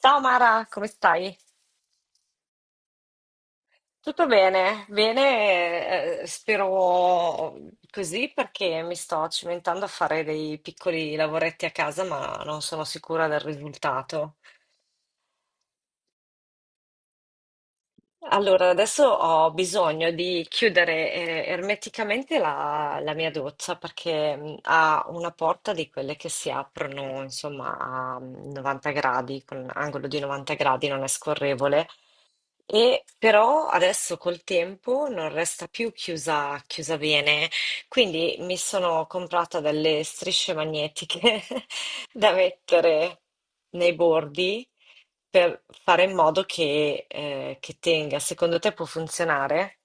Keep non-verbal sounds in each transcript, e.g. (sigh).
Ciao Mara, come stai? Tutto bene? Bene, spero così perché mi sto cimentando a fare dei piccoli lavoretti a casa, ma non sono sicura del risultato. Allora, adesso ho bisogno di chiudere ermeticamente la mia doccia perché ha una porta di quelle che si aprono, insomma, a 90 gradi, con angolo di 90 gradi, non è scorrevole. E però adesso col tempo non resta più chiusa, chiusa bene, quindi mi sono comprata delle strisce magnetiche (laughs) da mettere nei bordi per fare in modo che tenga. Secondo te può funzionare?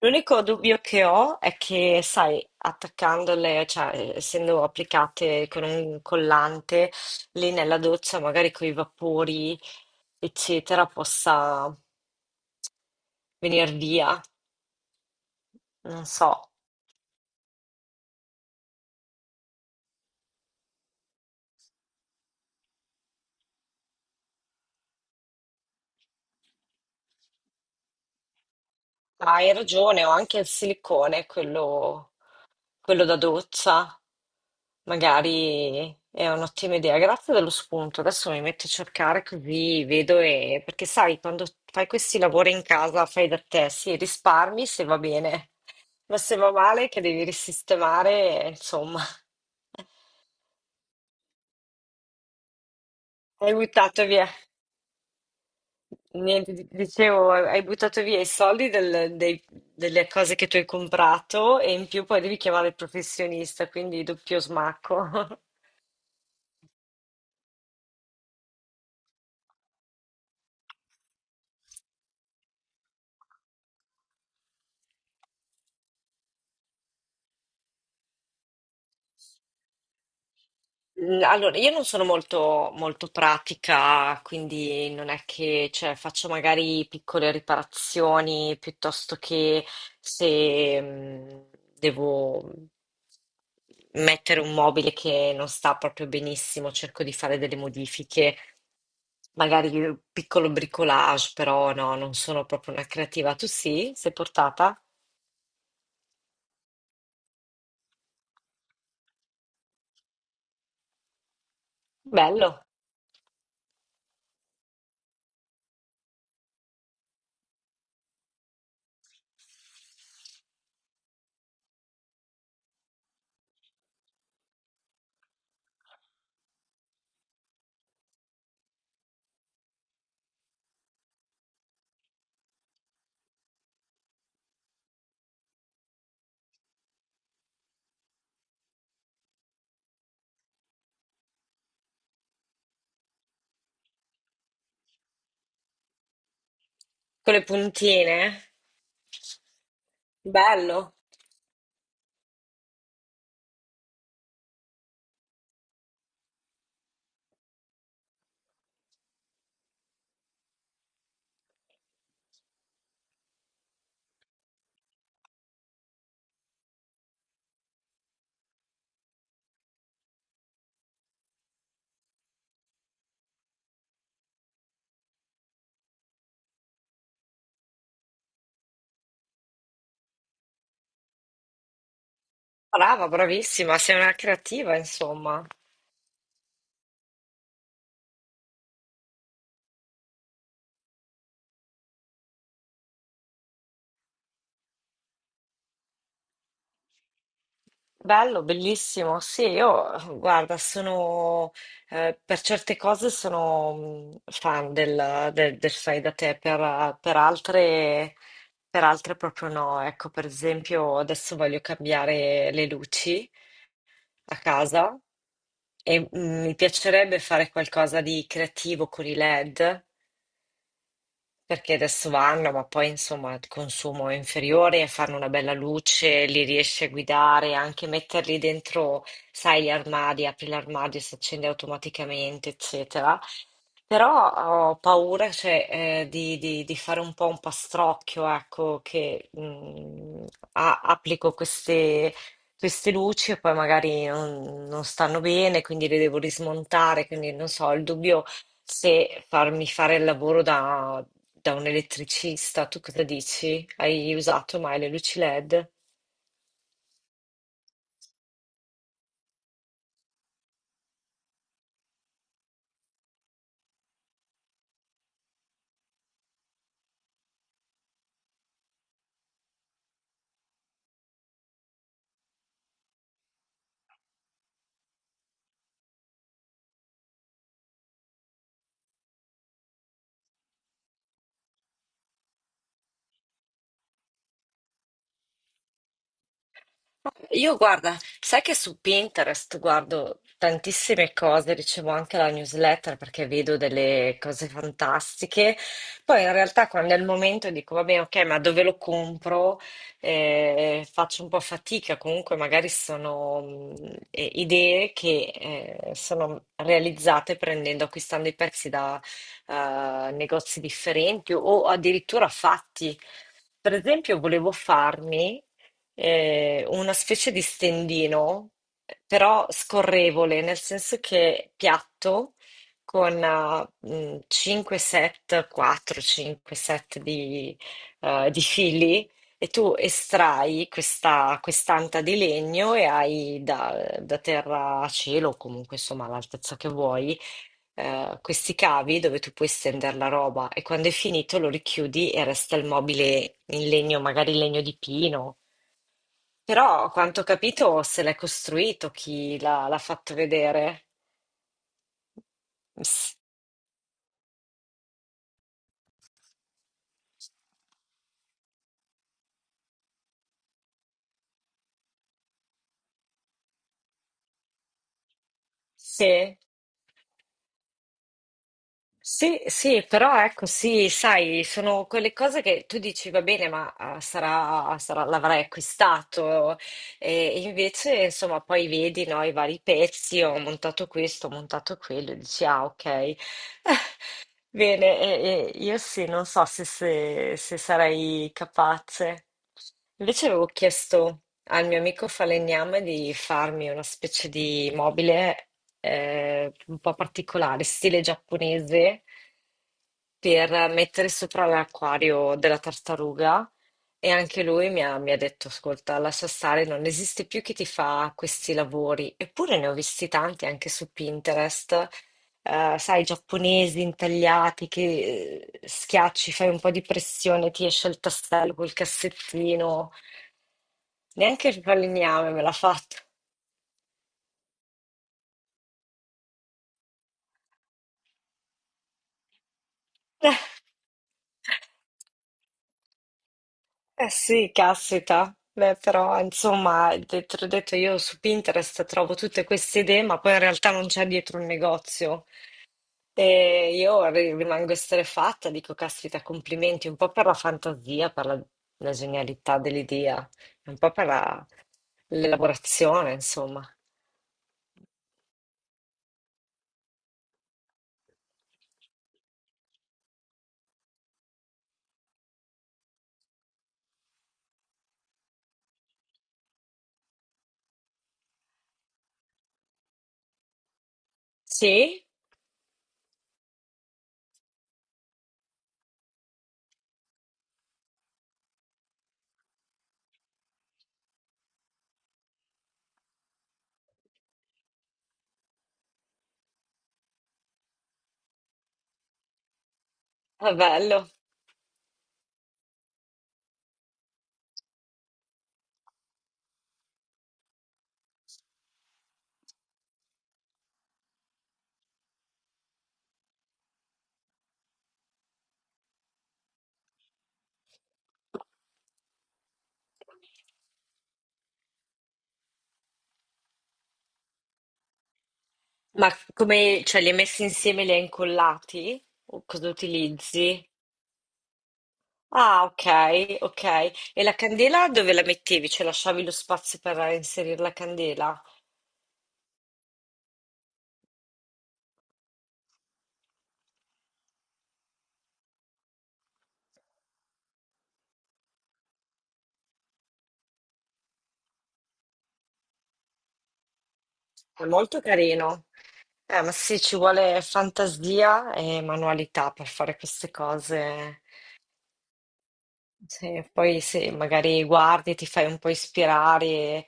L'unico dubbio che ho è che, sai, attaccandole, cioè essendo applicate con un collante lì nella doccia, magari con i vapori, eccetera, possa venire via. Non so. Ma hai ragione, ho anche il silicone, quello da doccia. Magari è un'ottima idea, grazie dello spunto. Adesso mi metto a cercare così vedo perché sai, quando fai questi lavori in casa, fai da te, sì, risparmi se va bene, ma se va male che devi risistemare, insomma, hai buttato via, niente, dicevo, hai buttato via i soldi delle cose che tu hai comprato e in più poi devi chiamare il professionista, quindi doppio smacco. (laughs) Allora, io non sono molto, molto pratica, quindi non è che cioè, faccio magari piccole riparazioni piuttosto che se devo mettere un mobile che non sta proprio benissimo, cerco di fare delle modifiche, magari un piccolo bricolage, però no, non sono proprio una creativa. Tu sì? Sei portata? Bello, con le puntine. Bello. Brava, bravissima, sei una creativa, insomma. Bello, bellissimo. Sì, io, guarda, per certe cose sono fan del fai da te, per altre proprio no. Ecco, per esempio, adesso voglio cambiare le luci a casa e mi piacerebbe fare qualcosa di creativo con i LED. Perché adesso vanno, ma poi insomma il consumo è inferiore, fanno una bella luce, li riesci a guidare, anche metterli dentro, sai, gli armadi, apri l'armadio, si accende automaticamente, eccetera. Però ho paura, cioè, di fare un po' un pastrocchio, ecco, che applico queste luci e poi magari non stanno bene, quindi le devo rismontare, quindi non so, il dubbio se farmi fare il lavoro da, un elettricista. Tu cosa dici? Hai usato mai le luci LED? Io guarda, sai che su Pinterest guardo tantissime cose, ricevo anche la newsletter perché vedo delle cose fantastiche. Poi in realtà quando è il momento dico, vabbè, ok, ma dove lo compro? Faccio un po' fatica, comunque magari sono idee che sono realizzate prendendo, acquistando i pezzi da negozi differenti o addirittura fatti. Per esempio, volevo farmi una specie di stendino, però scorrevole, nel senso che piatto, con 5 set, 4-5 set di fili, e tu estrai questa quest'anta di legno e hai da terra a cielo, o comunque insomma all'altezza che vuoi, questi cavi dove tu puoi stendere la roba e quando è finito lo richiudi e resta il mobile in legno, magari legno di pino però, a quanto ho capito, se l'è costruito chi l'ha fatto vedere. S- Sì, sì, sì, però ecco, sì, sai, sono quelle cose che tu dici, va bene, ma l'avrai acquistato. E invece, insomma, poi vedi, no, i vari pezzi, ho montato questo, ho montato quello, e dici, ah, ok. (laughs) Bene, e io sì, non so se, se sarai capace. Invece avevo chiesto al mio amico falegname di farmi una specie di mobile un po' particolare, stile giapponese, per mettere sopra l'acquario della tartaruga. E anche lui mi ha detto, ascolta, lascia stare, non esiste più chi ti fa questi lavori. Eppure ne ho visti tanti anche su Pinterest sai, giapponesi intagliati che schiacci, fai un po' di pressione, ti esce il tassello col cassettino. Neanche il falegname me l'ha fatto. (laughs) Eh sì, caspita. Beh, però, insomma, te l'ho detto, io su Pinterest trovo tutte queste idee, ma poi in realtà non c'è dietro un negozio. E io rimango estrefatta, dico, caspita, complimenti un po' per la fantasia, per la genialità dell'idea, un po' per l'elaborazione, insomma. Sì, è bello. Ma come, cioè, li hai messi insieme, li hai incollati? O cosa utilizzi? Ah, ok, ok. E la candela dove la mettevi? Cioè, lasciavi lo spazio per inserire la candela? È molto carino. Ma sì, ci vuole fantasia e manualità per fare queste cose. Sì, poi se magari guardi, ti fai un po' ispirare,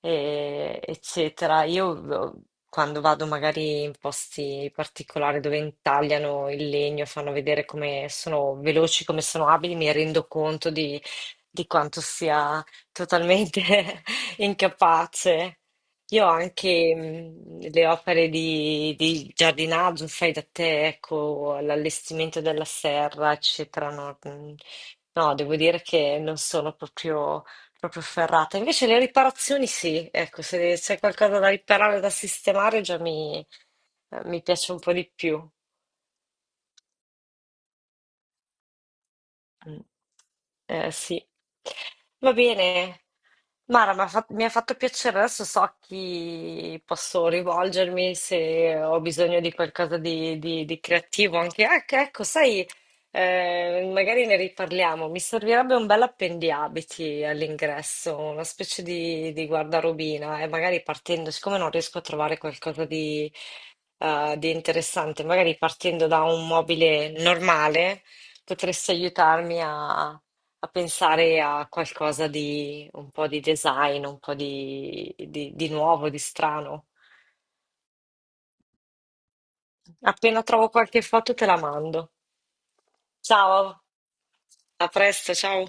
eccetera. Io quando vado magari in posti particolari dove intagliano il legno, fanno vedere come sono veloci, come sono abili, mi rendo conto di, quanto sia totalmente (laughs) incapace. Io ho anche le opere di giardinaggio, fai da te, ecco, l'allestimento della serra, eccetera, no? No, devo dire che non sono proprio, proprio ferrata. Invece le riparazioni sì, ecco, se c'è qualcosa da riparare, da sistemare, già mi piace un po' di più. Mh. Sì. Va bene. Mara, m'ha fa mi ha fatto piacere. Adesso so a chi posso rivolgermi se ho bisogno di qualcosa di creativo anche ec ecco, sai, magari ne riparliamo. Mi servirebbe un bell'appendiabiti all'ingresso, una specie di guardarobina e magari partendo siccome non riesco a trovare qualcosa di interessante, magari partendo da un mobile normale. Potresti aiutarmi a pensare a qualcosa di un po' di design, un po' di nuovo, di strano. Appena trovo qualche foto te la mando. Ciao, a presto, ciao.